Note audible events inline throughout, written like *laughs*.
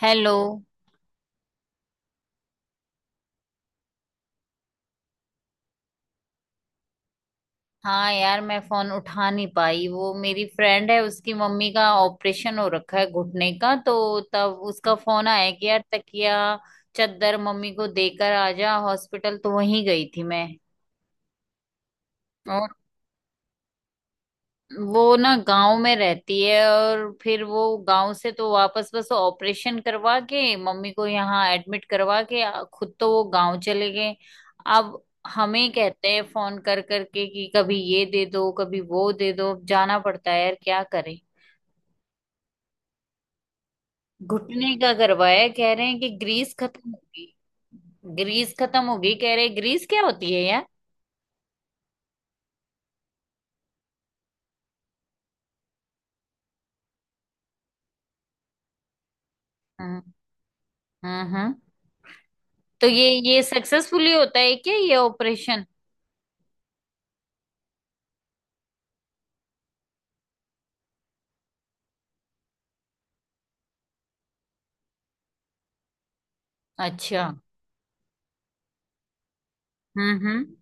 Hello. हाँ यार, मैं फोन उठा नहीं पाई। वो मेरी फ्रेंड है, उसकी मम्मी का ऑपरेशन हो रखा है घुटने का, तो तब उसका फोन आया कि यार तकिया चादर मम्मी को देकर आ जा हॉस्पिटल, तो वहीं गई थी मैं। वो ना गांव में रहती है, और फिर वो गांव से तो वापस बस ऑपरेशन करवा के मम्मी को यहाँ एडमिट करवा के खुद तो वो गांव चले गए। अब हमें कहते हैं फोन कर करके कि कभी ये दे दो कभी वो दे दो, अब जाना पड़ता है यार, क्या करें। घुटने का करवाया, कह रहे हैं कि ग्रीस खत्म होगी। ग्रीस खत्म होगी कह रहे हैं, ग्रीस क्या होती है यार? हम्म हम्म हम्म। तो ये सक्सेसफुली होता है क्या ये ऑपरेशन? अच्छा। हम्म।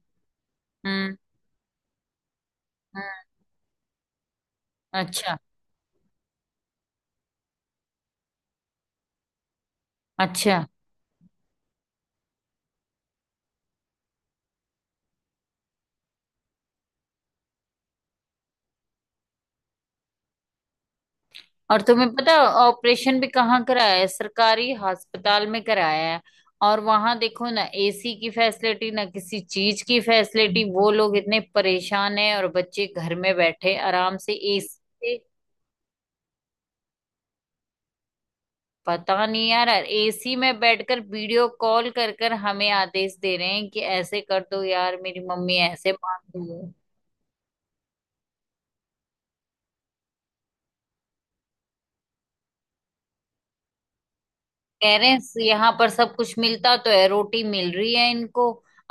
हम्म हम्म। अच्छा। अच्छा, और तुम्हें पता, ऑपरेशन भी कहाँ कराया है? सरकारी अस्पताल में कराया है। और वहां देखो ना, एसी की फैसिलिटी ना किसी चीज की फैसिलिटी, वो लोग इतने परेशान हैं और बच्चे घर में बैठे आराम से एसी से। पता नहीं यार, एसी में बैठकर वीडियो कॉल कर कर हमें आदेश दे रहे हैं कि ऐसे कर दो। यार मेरी मम्मी ऐसे मांग रही है कह रहे हैं। यहाँ पर सब कुछ मिलता तो है, रोटी मिल रही है इनको,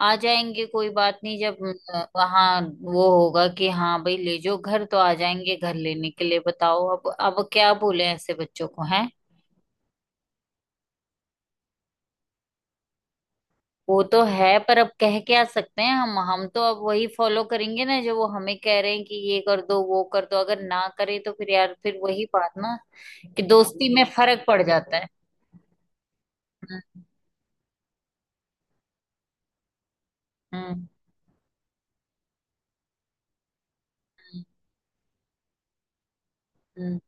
आ जाएंगे कोई बात नहीं जब। वहाँ वो होगा कि हाँ भाई ले जाओ घर, तो आ जाएंगे घर लेने के लिए बताओ, अब क्या बोले ऐसे बच्चों को हैं। वो तो है पर अब कह क्या सकते हैं हम तो अब वही फॉलो करेंगे ना जो वो हमें कह रहे हैं कि ये कर दो वो कर दो, अगर ना करे तो फिर यार फिर वही बात ना कि दोस्ती में फर्क पड़ जाता है। हम्म हम्म। हम्म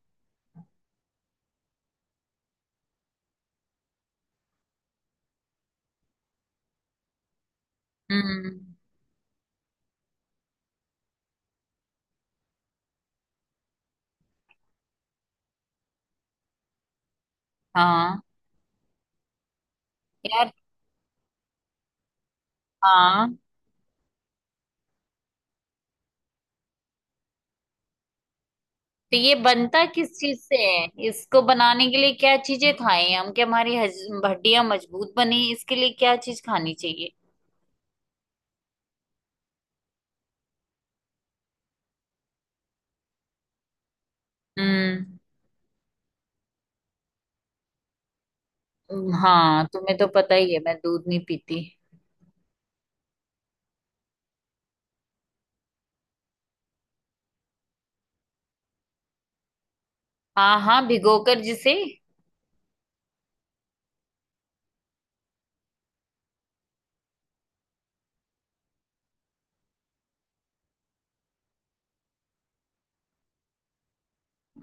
हम्म। हम्म। हाँ यार। हाँ। तो ये बनता किस चीज से है? इसको बनाने के लिए क्या चीजें खाएं हम, कि हमारी हड्डियां मजबूत बने? इसके लिए क्या चीज खानी चाहिए? हम्म। हाँ तुम्हें तो पता ही है मैं दूध नहीं पीती। हाँ हाँ, भिगोकर जिसे।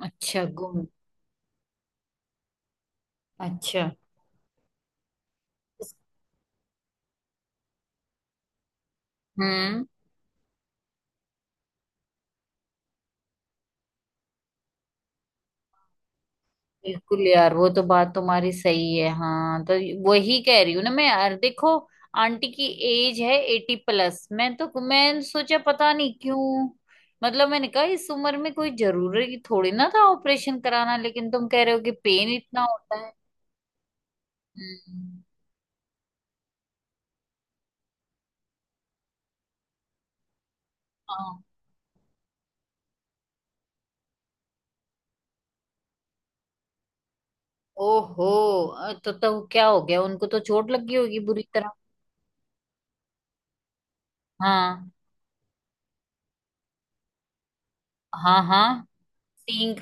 अच्छा गुम। अच्छा। हम्म। बिल्कुल यार, वो तो बात तुम्हारी सही है। हाँ तो वही कह रही हूँ ना मैं यार, देखो आंटी की एज है एटी प्लस। मैं तो मैं सोचा पता नहीं क्यों, मतलब मैंने कहा इस उम्र में कोई जरूरी थोड़ी ना था ऑपरेशन कराना, लेकिन तुम कह रहे हो कि पेन इतना होता है। हम्म। हाँ। ओहो। तो क्या हो गया उनको? तो चोट लग गई होगी बुरी तरह। हाँ हाँ। हाँ। सींग।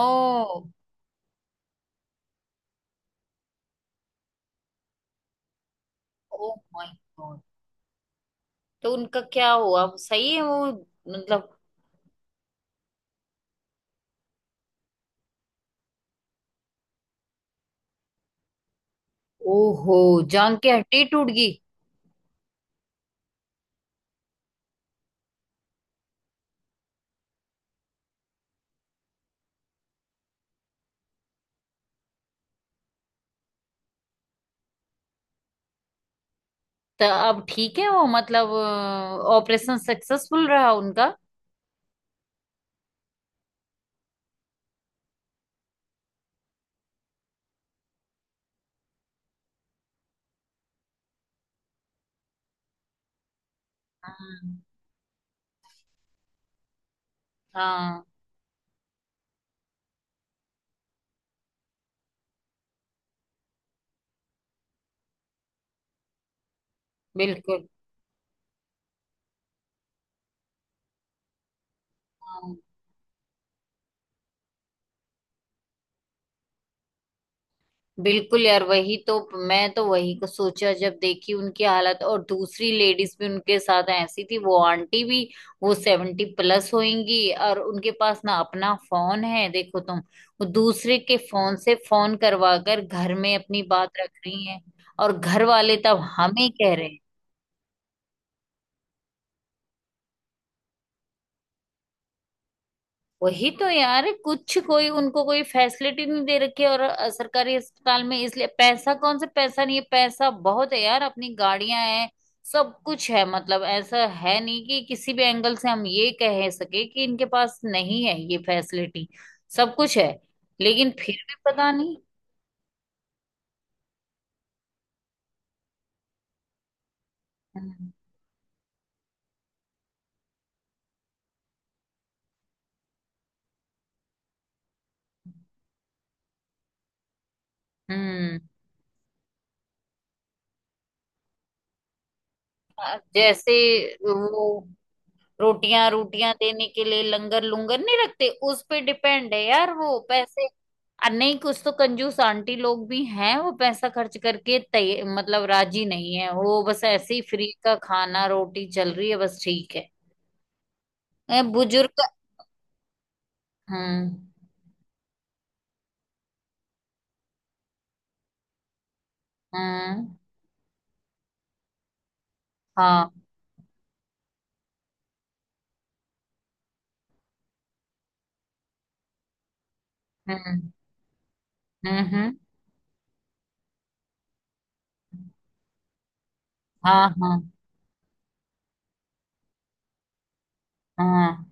ओ। Oh my God. तो उनका क्या हुआ? सही है वो, मतलब? ओहो। जान के हड्डी टूट गई? तो अब ठीक है वो, मतलब? ऑपरेशन सक्सेसफुल रहा उनका? हाँ हाँ, बिल्कुल। हाँ, बिल्कुल यार वही तो। मैं तो वही को सोचा जब देखी उनकी हालत, और दूसरी लेडीज भी उनके साथ ऐसी थी, वो आंटी भी वो सेवेंटी प्लस होंगी। और उनके पास ना अपना फोन है देखो तुम, वो दूसरे के फोन से फोन करवा कर घर में अपनी बात रख रही है। और घर वाले तब हमें कह रहे हैं। वही तो यार, कुछ कोई उनको कोई फैसिलिटी नहीं दे रखी है, और सरकारी अस्पताल में इसलिए पैसा कौन सा, पैसा नहीं है? पैसा बहुत है यार, अपनी गाड़ियां हैं, सब कुछ है। मतलब ऐसा है नहीं कि किसी भी एंगल से हम ये कह सके कि इनके पास नहीं है ये फैसिलिटी, सब कुछ है। लेकिन फिर भी पता नहीं। हम्म हम्म। जैसे वो रोटियां रोटियां देने के लिए लंगर लुंगर नहीं रखते, उस पे डिपेंड है यार वो पैसे। और नहीं कुछ तो कंजूस आंटी लोग भी हैं, वो पैसा खर्च करके तय मतलब राजी नहीं है, वो बस ऐसे ही फ्री का खाना रोटी चल रही है बस ठीक है। ए, बुजुर्ग। हम्म हम्म। हाँ। हम्म हम्म। हाँ हाँ। हाँ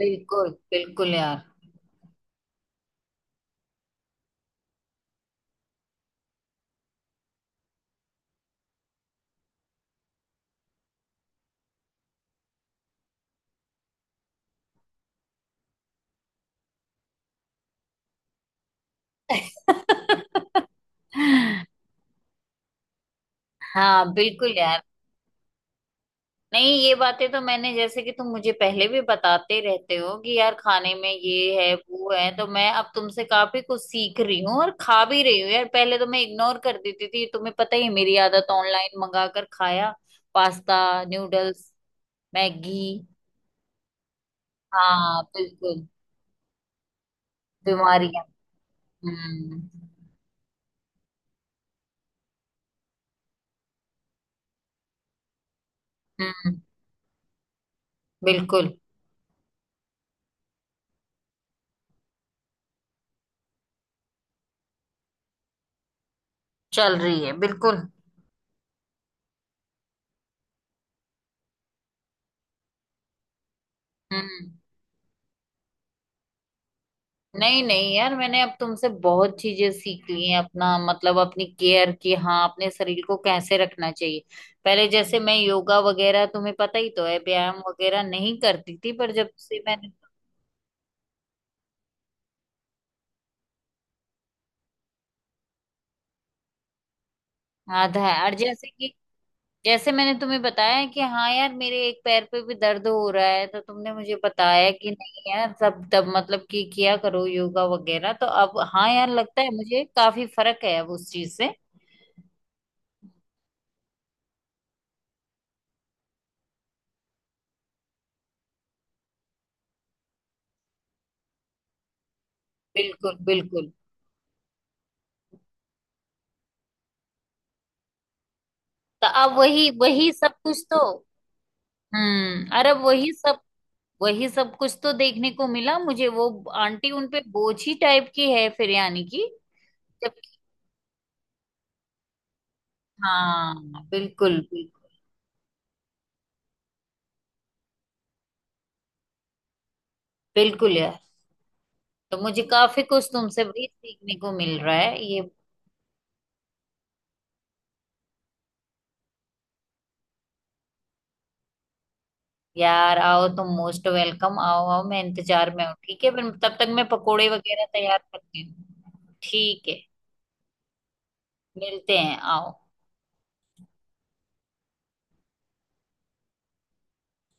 बिल्कुल बिल्कुल यार। *laughs* हाँ बिल्कुल यार। नहीं ये बातें तो मैंने, जैसे कि तुम मुझे पहले भी बताते रहते हो कि यार खाने में ये है वो है, तो मैं अब तुमसे काफी कुछ सीख रही हूँ और खा भी रही हूँ यार। पहले तो मैं इग्नोर कर देती थी, तुम्हें पता ही है मेरी आदत, ऑनलाइन मंगा कर खाया पास्ता नूडल्स मैगी। हाँ बिल्कुल। बीमारियां। हम्म हम्म। बिल्कुल। चल रही है बिल्कुल। हम्म। नहीं नहीं यार, मैंने अब तुमसे बहुत चीजें सीख ली हैं, अपना मतलब अपनी केयर की। हाँ अपने शरीर को कैसे रखना चाहिए, पहले जैसे मैं योगा वगैरह तुम्हें पता ही तो है व्यायाम वगैरह नहीं करती थी, पर जब से मैंने। आधा है। और जैसे कि जैसे मैंने तुम्हें बताया कि हाँ यार मेरे एक पैर पे भी दर्द हो रहा है, तो तुमने मुझे बताया कि नहीं यार सब तब मतलब कि किया करो योगा वगैरह, तो अब हाँ यार लगता है मुझे काफी फर्क है अब उस चीज से। बिल्कुल बिल्कुल। तो अब वही वही सब कुछ तो। हम्म, अरे वही सब। वही सब कुछ तो देखने को मिला मुझे, वो आंटी उनपे बोझ ही टाइप की है फिर, यानी कि जबकि। हाँ बिल्कुल बिल्कुल। बिल्कुल यार। तो मुझे काफी कुछ तुमसे भी सीखने को मिल रहा है ये। यार आओ, तुम मोस्ट वेलकम, आओ आओ, मैं इंतजार में हूँ ठीक है? फिर तब तक मैं पकोड़े वगैरह तैयार करती हूँ ठीक है? मिलते हैं, आओ।